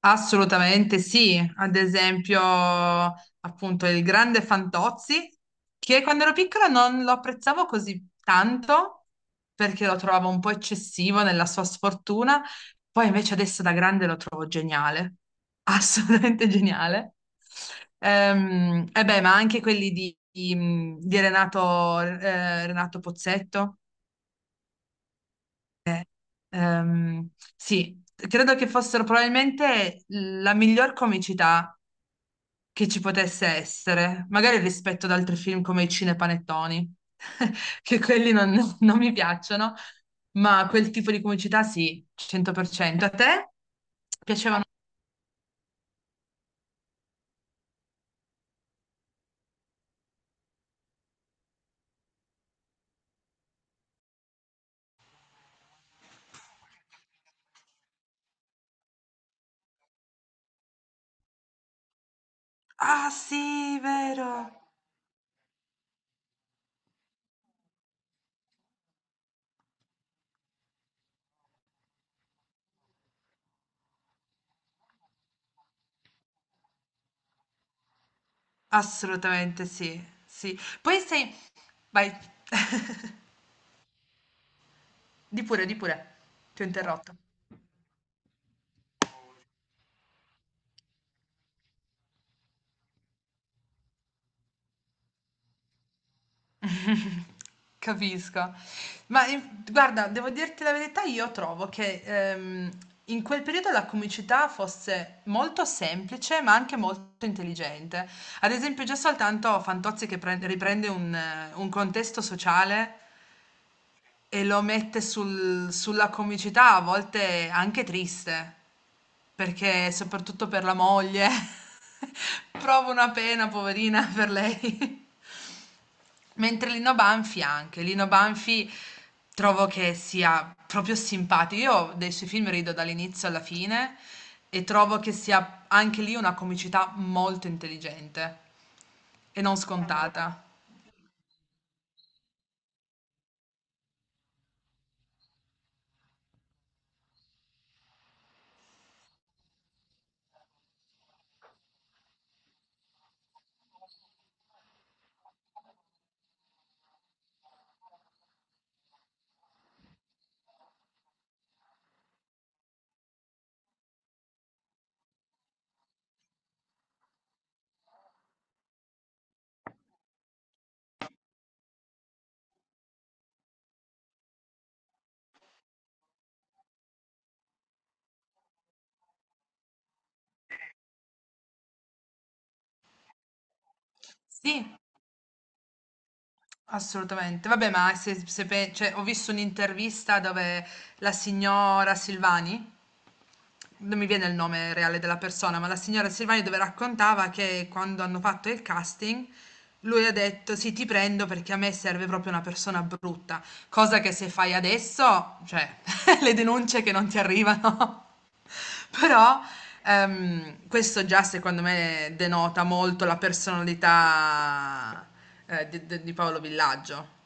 Assolutamente sì, ad esempio appunto il grande Fantozzi, che quando ero piccola non lo apprezzavo così tanto perché lo trovavo un po' eccessivo nella sua sfortuna, poi invece adesso da grande lo trovo geniale, assolutamente geniale. E beh, ma anche quelli di Renato, Renato Pozzetto. Ehm, sì, credo che fossero probabilmente la miglior comicità che ci potesse essere, magari rispetto ad altri film come i cinepanettoni, che quelli non mi piacciono, ma quel tipo di comicità sì, 100%. A te piacevano? Ah sì, vero, assolutamente sì, sì. Poi sei. Vai, di pure, ti ho interrotto. Capisco. Ma guarda, devo dirti la verità, io trovo che in quel periodo la comicità fosse molto semplice, ma anche molto intelligente. Ad esempio, già soltanto Fantozzi che riprende un contesto sociale e lo mette sulla comicità, a volte anche triste, perché soprattutto per la moglie provo una pena, poverina, per lei. Mentre Lino Banfi anche, Lino Banfi trovo che sia proprio simpatico. Io dei suoi film rido dall'inizio alla fine e trovo che sia anche lì una comicità molto intelligente e non scontata. Sì, assolutamente. Vabbè, ma se, cioè, ho visto un'intervista dove la signora Silvani non mi viene il nome reale della persona, ma la signora Silvani dove raccontava che quando hanno fatto il casting lui ha detto sì, ti prendo perché a me serve proprio una persona brutta, cosa che se fai adesso, cioè le denunce che non ti arrivano, però questo già secondo me denota molto la personalità di Paolo Villaggio.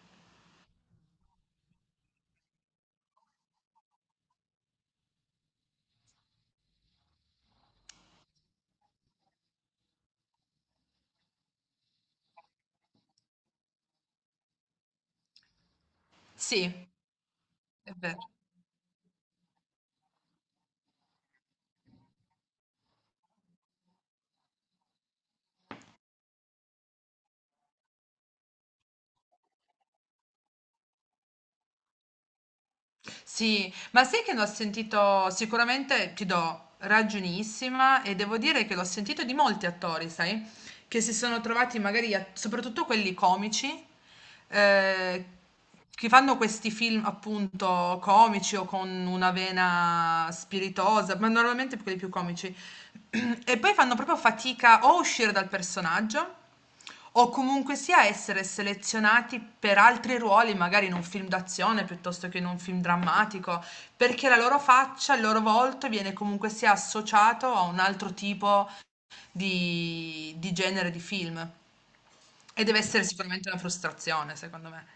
Sì, è vero. Sì, ma sai che l'ho sentito, sicuramente ti do ragionissima e devo dire che l'ho sentito di molti attori, sai, che si sono trovati magari, soprattutto quelli comici, eh, che fanno questi film appunto comici o con una vena spiritosa, ma normalmente quelli più comici, e poi fanno proprio fatica o a uscire dal personaggio o comunque sia essere selezionati per altri ruoli, magari in un film d'azione piuttosto che in un film drammatico, perché la loro faccia, il loro volto viene comunque sia associato a un altro tipo di genere di film. E deve essere sicuramente una frustrazione, secondo me.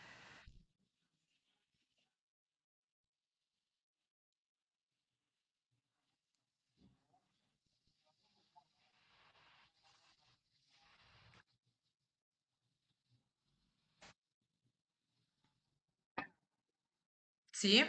Sì?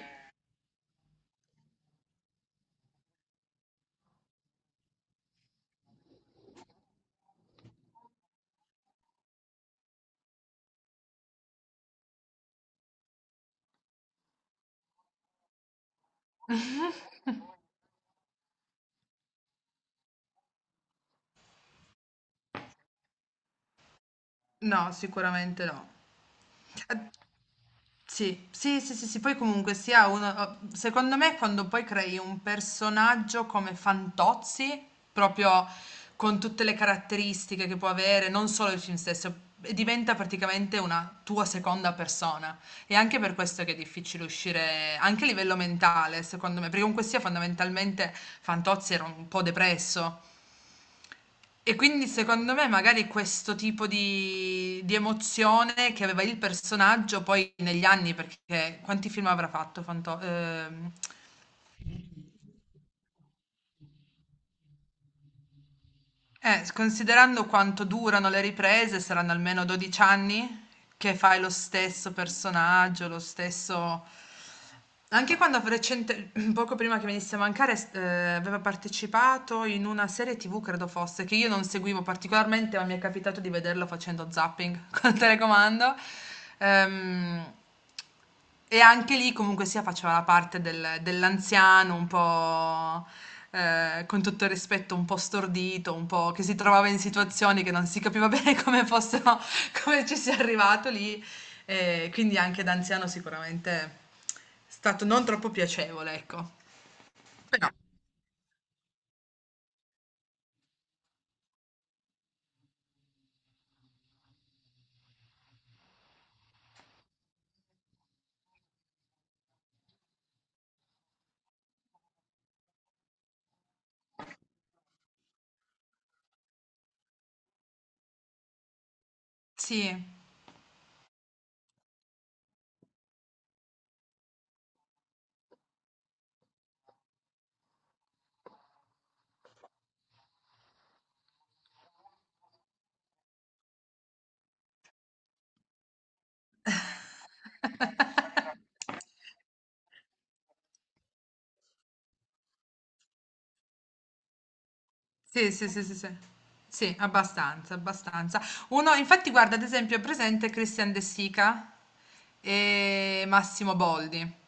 No, sicuramente no. Sì, sì, sì, sì, sì, poi comunque sia uno, oh, secondo me quando poi crei un personaggio come Fantozzi, proprio con tutte le caratteristiche che può avere, non solo il film stesso, diventa praticamente una tua seconda persona. E anche per questo che è difficile uscire, anche a livello mentale, secondo me, perché comunque sia fondamentalmente Fantozzi era un po' depresso, e quindi secondo me magari questo tipo di emozione che aveva il personaggio poi negli anni, perché quanti film avrà fatto Considerando quanto durano le riprese, saranno almeno 12 anni che fai lo stesso personaggio, lo stesso. Anche quando recente, poco prima che venisse a mancare, aveva partecipato in una serie TV, credo fosse, che io non seguivo particolarmente, ma mi è capitato di vederlo facendo zapping col telecomando. Ehm, e anche lì comunque sia faceva la parte dell'anziano un po', con tutto il rispetto, un po' stordito, un po' che si trovava in situazioni che non si capiva bene come fossero come ci sia arrivato lì. Quindi anche da anziano sicuramente è stato non troppo piacevole, ecco. Però sì. Sì, sì, sì, sì, sì. Sì, abbastanza, abbastanza. Uno, infatti, guarda, ad esempio, è presente Christian De Sica e Massimo Boldi.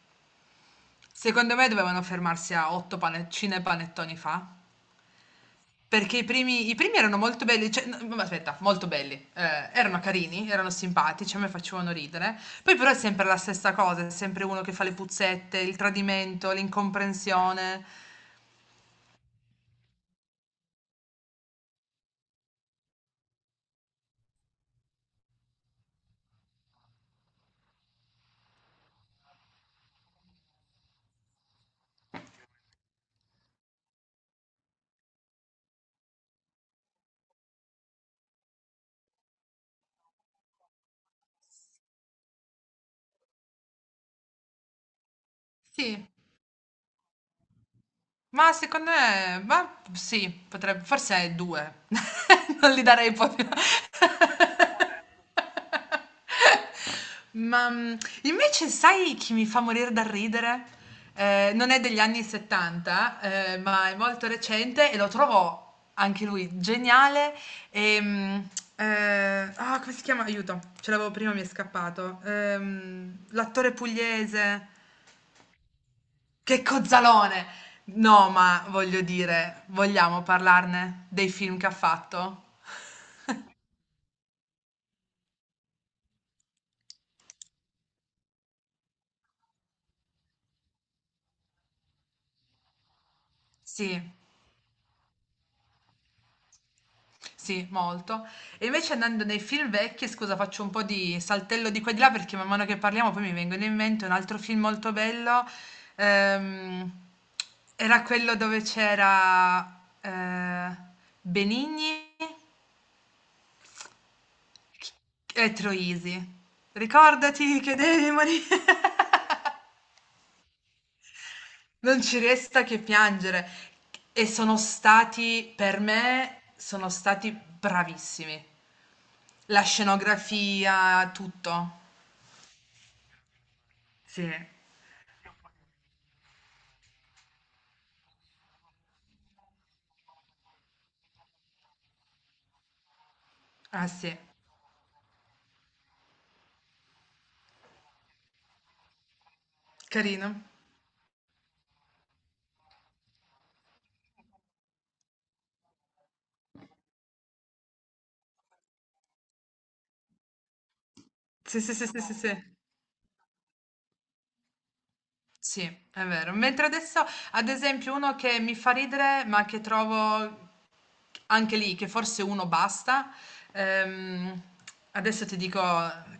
Secondo me dovevano fermarsi a otto panettine e panettoni fa. Perché i primi erano molto belli, cioè, no, ma aspetta, molto belli, erano carini, erano simpatici, a me facevano ridere. Poi però è sempre la stessa cosa, è sempre uno che fa le puzzette, il tradimento, l'incomprensione. Sì, ma secondo me, ma sì, potrebbe, forse è due. Non li darei proprio. Ma invece sai chi mi fa morire dal ridere? Non è degli anni 70, ma è molto recente e lo trovo anche lui geniale. E, come si chiama? Aiuto, ce l'avevo prima, mi è scappato. L'attore pugliese. Che cozzalone! No, ma voglio dire, vogliamo parlarne dei film che ha fatto? Sì, sì, molto. E invece andando nei film vecchi, scusa, faccio un po' di saltello di qua e di là perché man mano che parliamo poi mi vengono in mente un altro film molto bello. ehm, era quello dove c'era Benigni e Troisi. Ricordati che devi morire. Non ci resta che piangere. E sono stati, per me, sono stati bravissimi. La scenografia, tutto. Sì, ah sì, carino. Sì, sì, sì, sì, sì, sì. Sì, è vero. Mentre adesso, ad esempio, uno che mi fa ridere, ma che trovo anche lì, che forse uno basta. ehm, adesso ti dico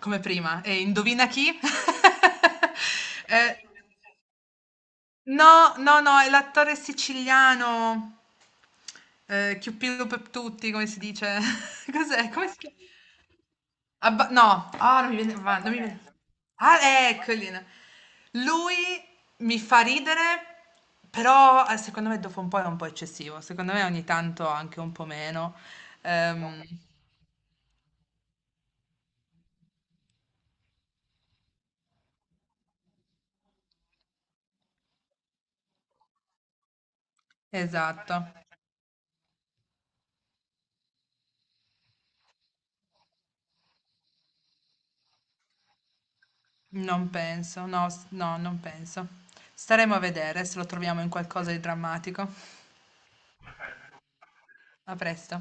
come prima, e indovina chi? Eh, No, no, no, è l'attore siciliano, Chiuppillo per tutti, come si dice? Cos'è? Come si chiama? No, ah, non mi viene, va, non mi viene. Ah, eccoli. No. Lui mi fa ridere, però secondo me dopo un po' è un po' eccessivo, secondo me ogni tanto anche un po' meno. Ehm, esatto, non penso, no, no, non penso. Staremo a vedere se lo troviamo in qualcosa di drammatico. A presto.